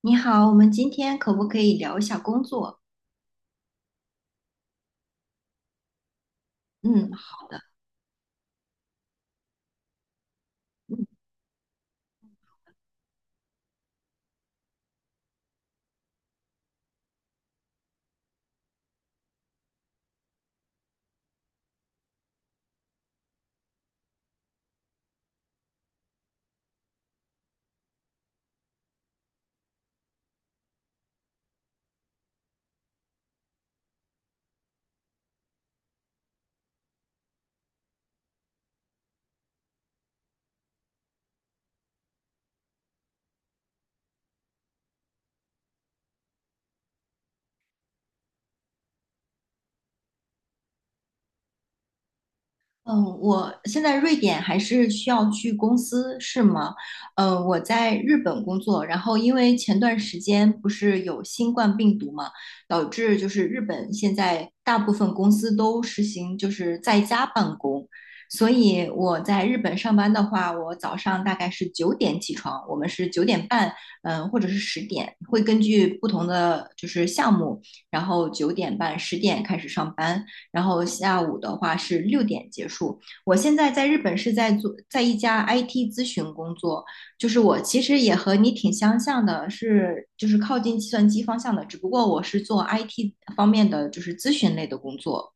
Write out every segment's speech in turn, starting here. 你好，我们今天可不可以聊一下工作？嗯，嗯，我现在瑞典还是需要去公司，是吗？嗯，我在日本工作，然后因为前段时间不是有新冠病毒嘛，导致就是日本现在大部分公司都实行就是在家办公，所以我在日本上班的话，我早上大概是九点起床，我们是九点半，嗯、或者是十点，会根据不同的就是项目，然后九点半、十点开始上班。然后下午的话是六点结束。我现在在日本是在做在一家 IT 咨询工作，就是我其实也和你挺相像的，是就是靠近计算机方向的，只不过我是做 IT 方面的就是咨询类的工作。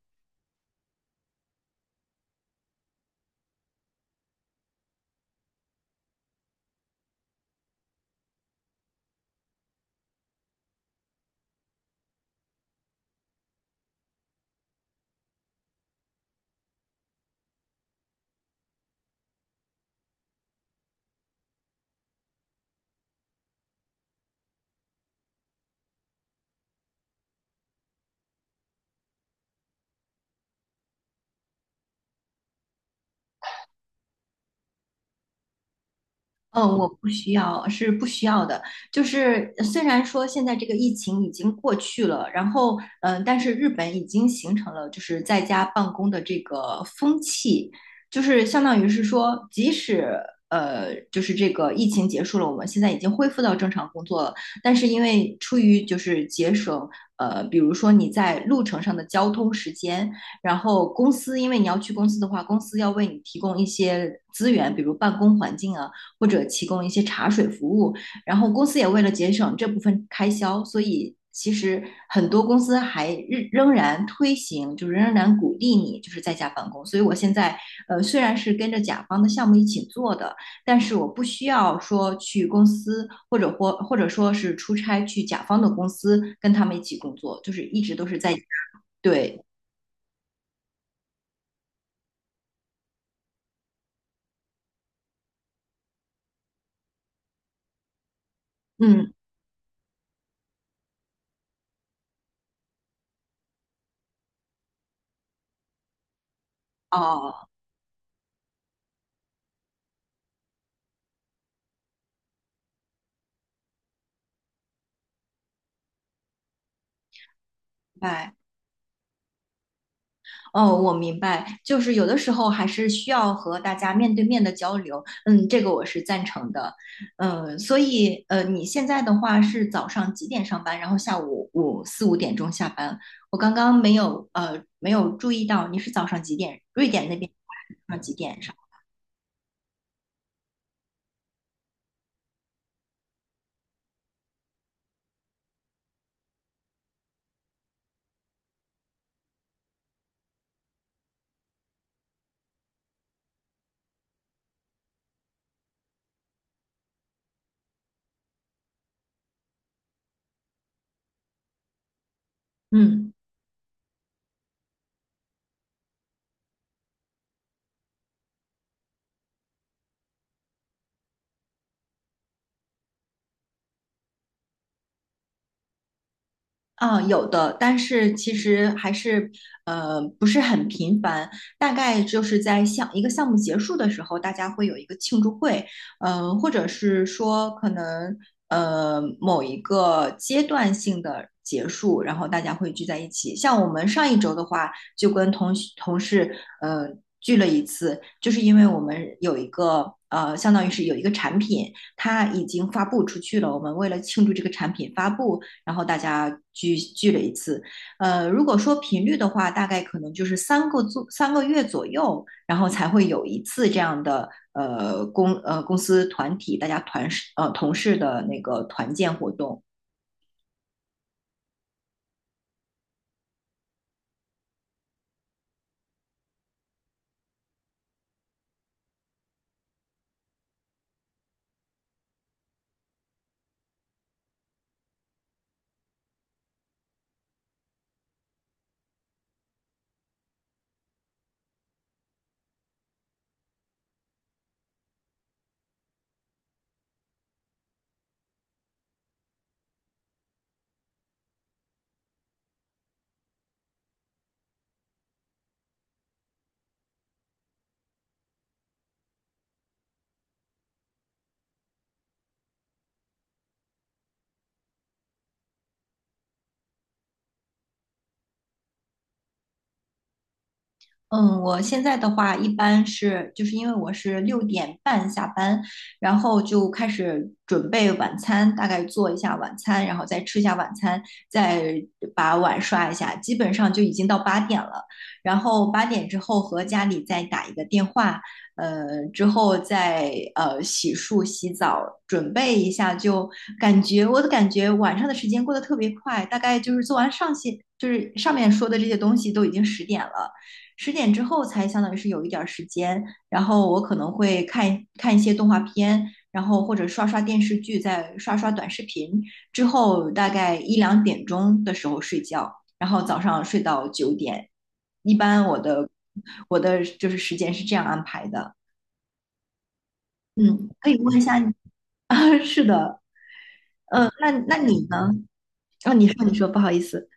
嗯，我不需要，是不需要的。就是虽然说现在这个疫情已经过去了，然后嗯、但是日本已经形成了就是在家办公的这个风气，就是相当于是说，即使就是这个疫情结束了，我们现在已经恢复到正常工作了，但是因为出于就是节省，比如说你在路程上的交通时间，然后公司因为你要去公司的话，公司要为你提供一些资源，比如办公环境啊。或者提供一些茶水服务。然后公司也为了节省这部分开销，所以其实很多公司还仍然推行，就是仍然鼓励你就是在家办公。所以我现在虽然是跟着甲方的项目一起做的，但是我不需要说去公司或者说是出差去甲方的公司跟他们一起工作，就是一直都是在家。对，嗯，哦，明白。哦，我明白，就是有的时候还是需要和大家面对面的交流，嗯，这个我是赞成的，嗯，所以，你现在的话是早上几点上班，然后下午五点钟下班？我刚刚没有注意到你是早上几点，瑞典那边早上几点上？嗯。啊，有的，但是其实还是不是很频繁，大概就是一个项目结束的时候，大家会有一个庆祝会，或者是说可能某一个阶段性的结束，然后大家会聚在一起。像我们上一周的话，就跟同事聚了一次，就是因为我们有一个相当于是有一个产品，它已经发布出去了，我们为了庆祝这个产品发布。然后大家聚了一次。如果说频率的话，大概可能就是三个月左右，然后才会有一次这样的公司团体大家团呃同事的那个团建活动。嗯，我现在的话一般是，就是因为我是六点半下班，然后就开始准备晚餐，大概做一下晚餐，然后再吃一下晚餐，再把碗刷一下，基本上就已经到八点了。然后八点之后和家里再打一个电话，之后再洗漱、洗澡，准备一下，就感觉我的感觉晚上的时间过得特别快，大概就是做完上些，就是上面说的这些东西都已经十点了。十点之后才相当于是有一点时间，然后我可能会看看一些动画片，然后或者刷刷电视剧，再刷刷短视频，之后大概一两点钟的时候睡觉，然后早上睡到九点。一般我的就是时间是这样安排的。嗯，可以问一下你啊，是的，那你呢？啊，你说，不好意思，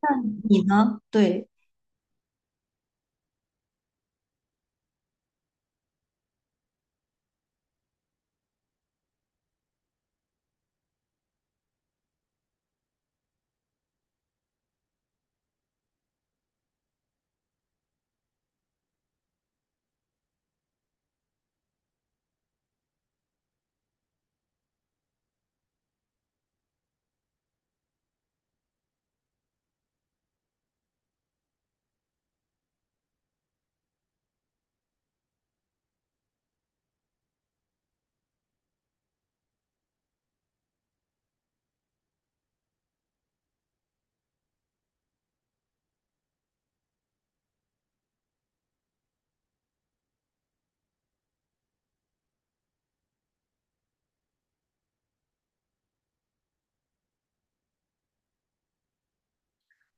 那你呢？对。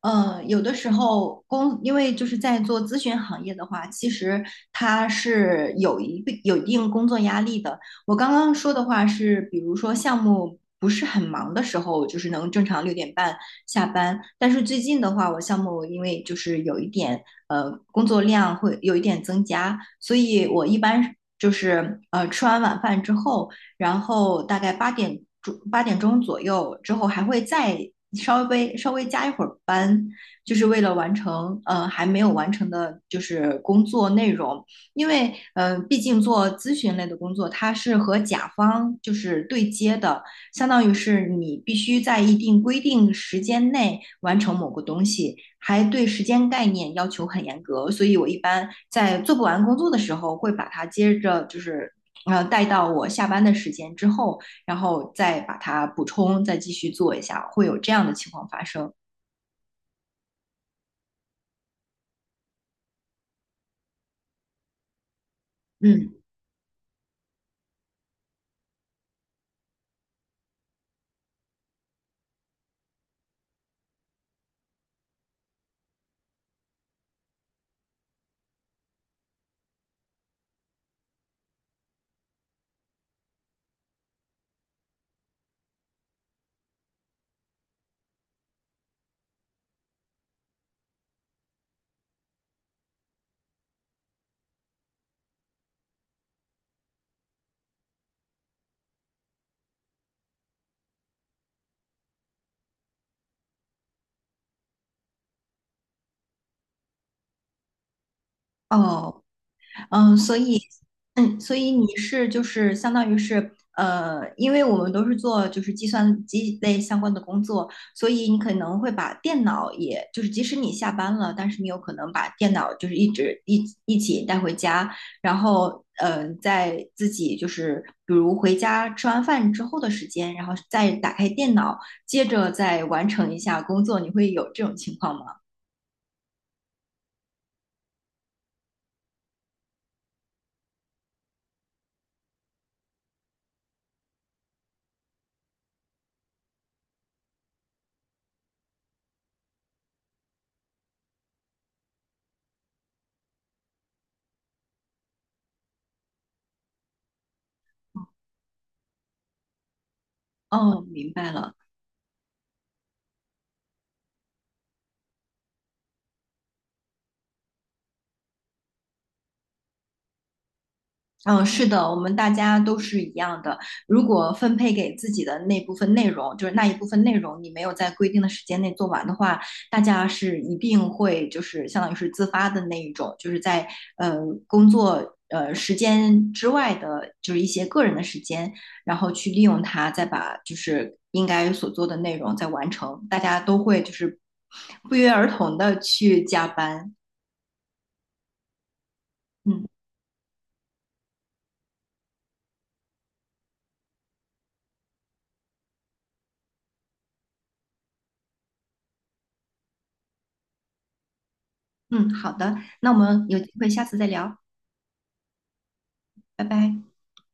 呃，有的时候工，因为就是在做咨询行业的话，其实它是有一定工作压力的。我刚刚说的话是，比如说项目不是很忙的时候，就是能正常六点半下班。但是最近的话，我项目因为就是有一点工作量会有一点增加，所以我一般就是吃完晚饭之后。然后大概八点钟左右之后还会再稍微加一会儿班，就是为了完成还没有完成的就是工作内容，因为毕竟做咨询类的工作，它是和甲方就是对接的，相当于是你必须在一定规定时间内完成某个东西，还对时间概念要求很严格。所以我一般在做不完工作的时候，会把它接着带到我下班的时间之后，然后再把它补充，再继续做一下，会有这样的情况发生。嗯。哦，嗯，所以嗯，所以你是就是相当于是因为我们都是做就是计算机类相关的工作，所以你可能会把电脑也，就是即使你下班了，但是你有可能把电脑就是一直一一起带回家，然后嗯，在自己就是比如回家吃完饭之后的时间，然后再打开电脑，接着再完成一下工作，你会有这种情况吗？哦，明白了。嗯，是的，我们大家都是一样的。如果分配给自己的那部分内容，就是那一部分内容，你没有在规定的时间内做完的话，大家是一定会就是相当于是自发的那一种，就是在呃工作呃时间之外的，就是一些个人的时间，然后去利用它，再把就是应该所做的内容再完成。大家都会就是不约而同的去加班。嗯嗯，好的，那我们有机会下次再聊，拜拜。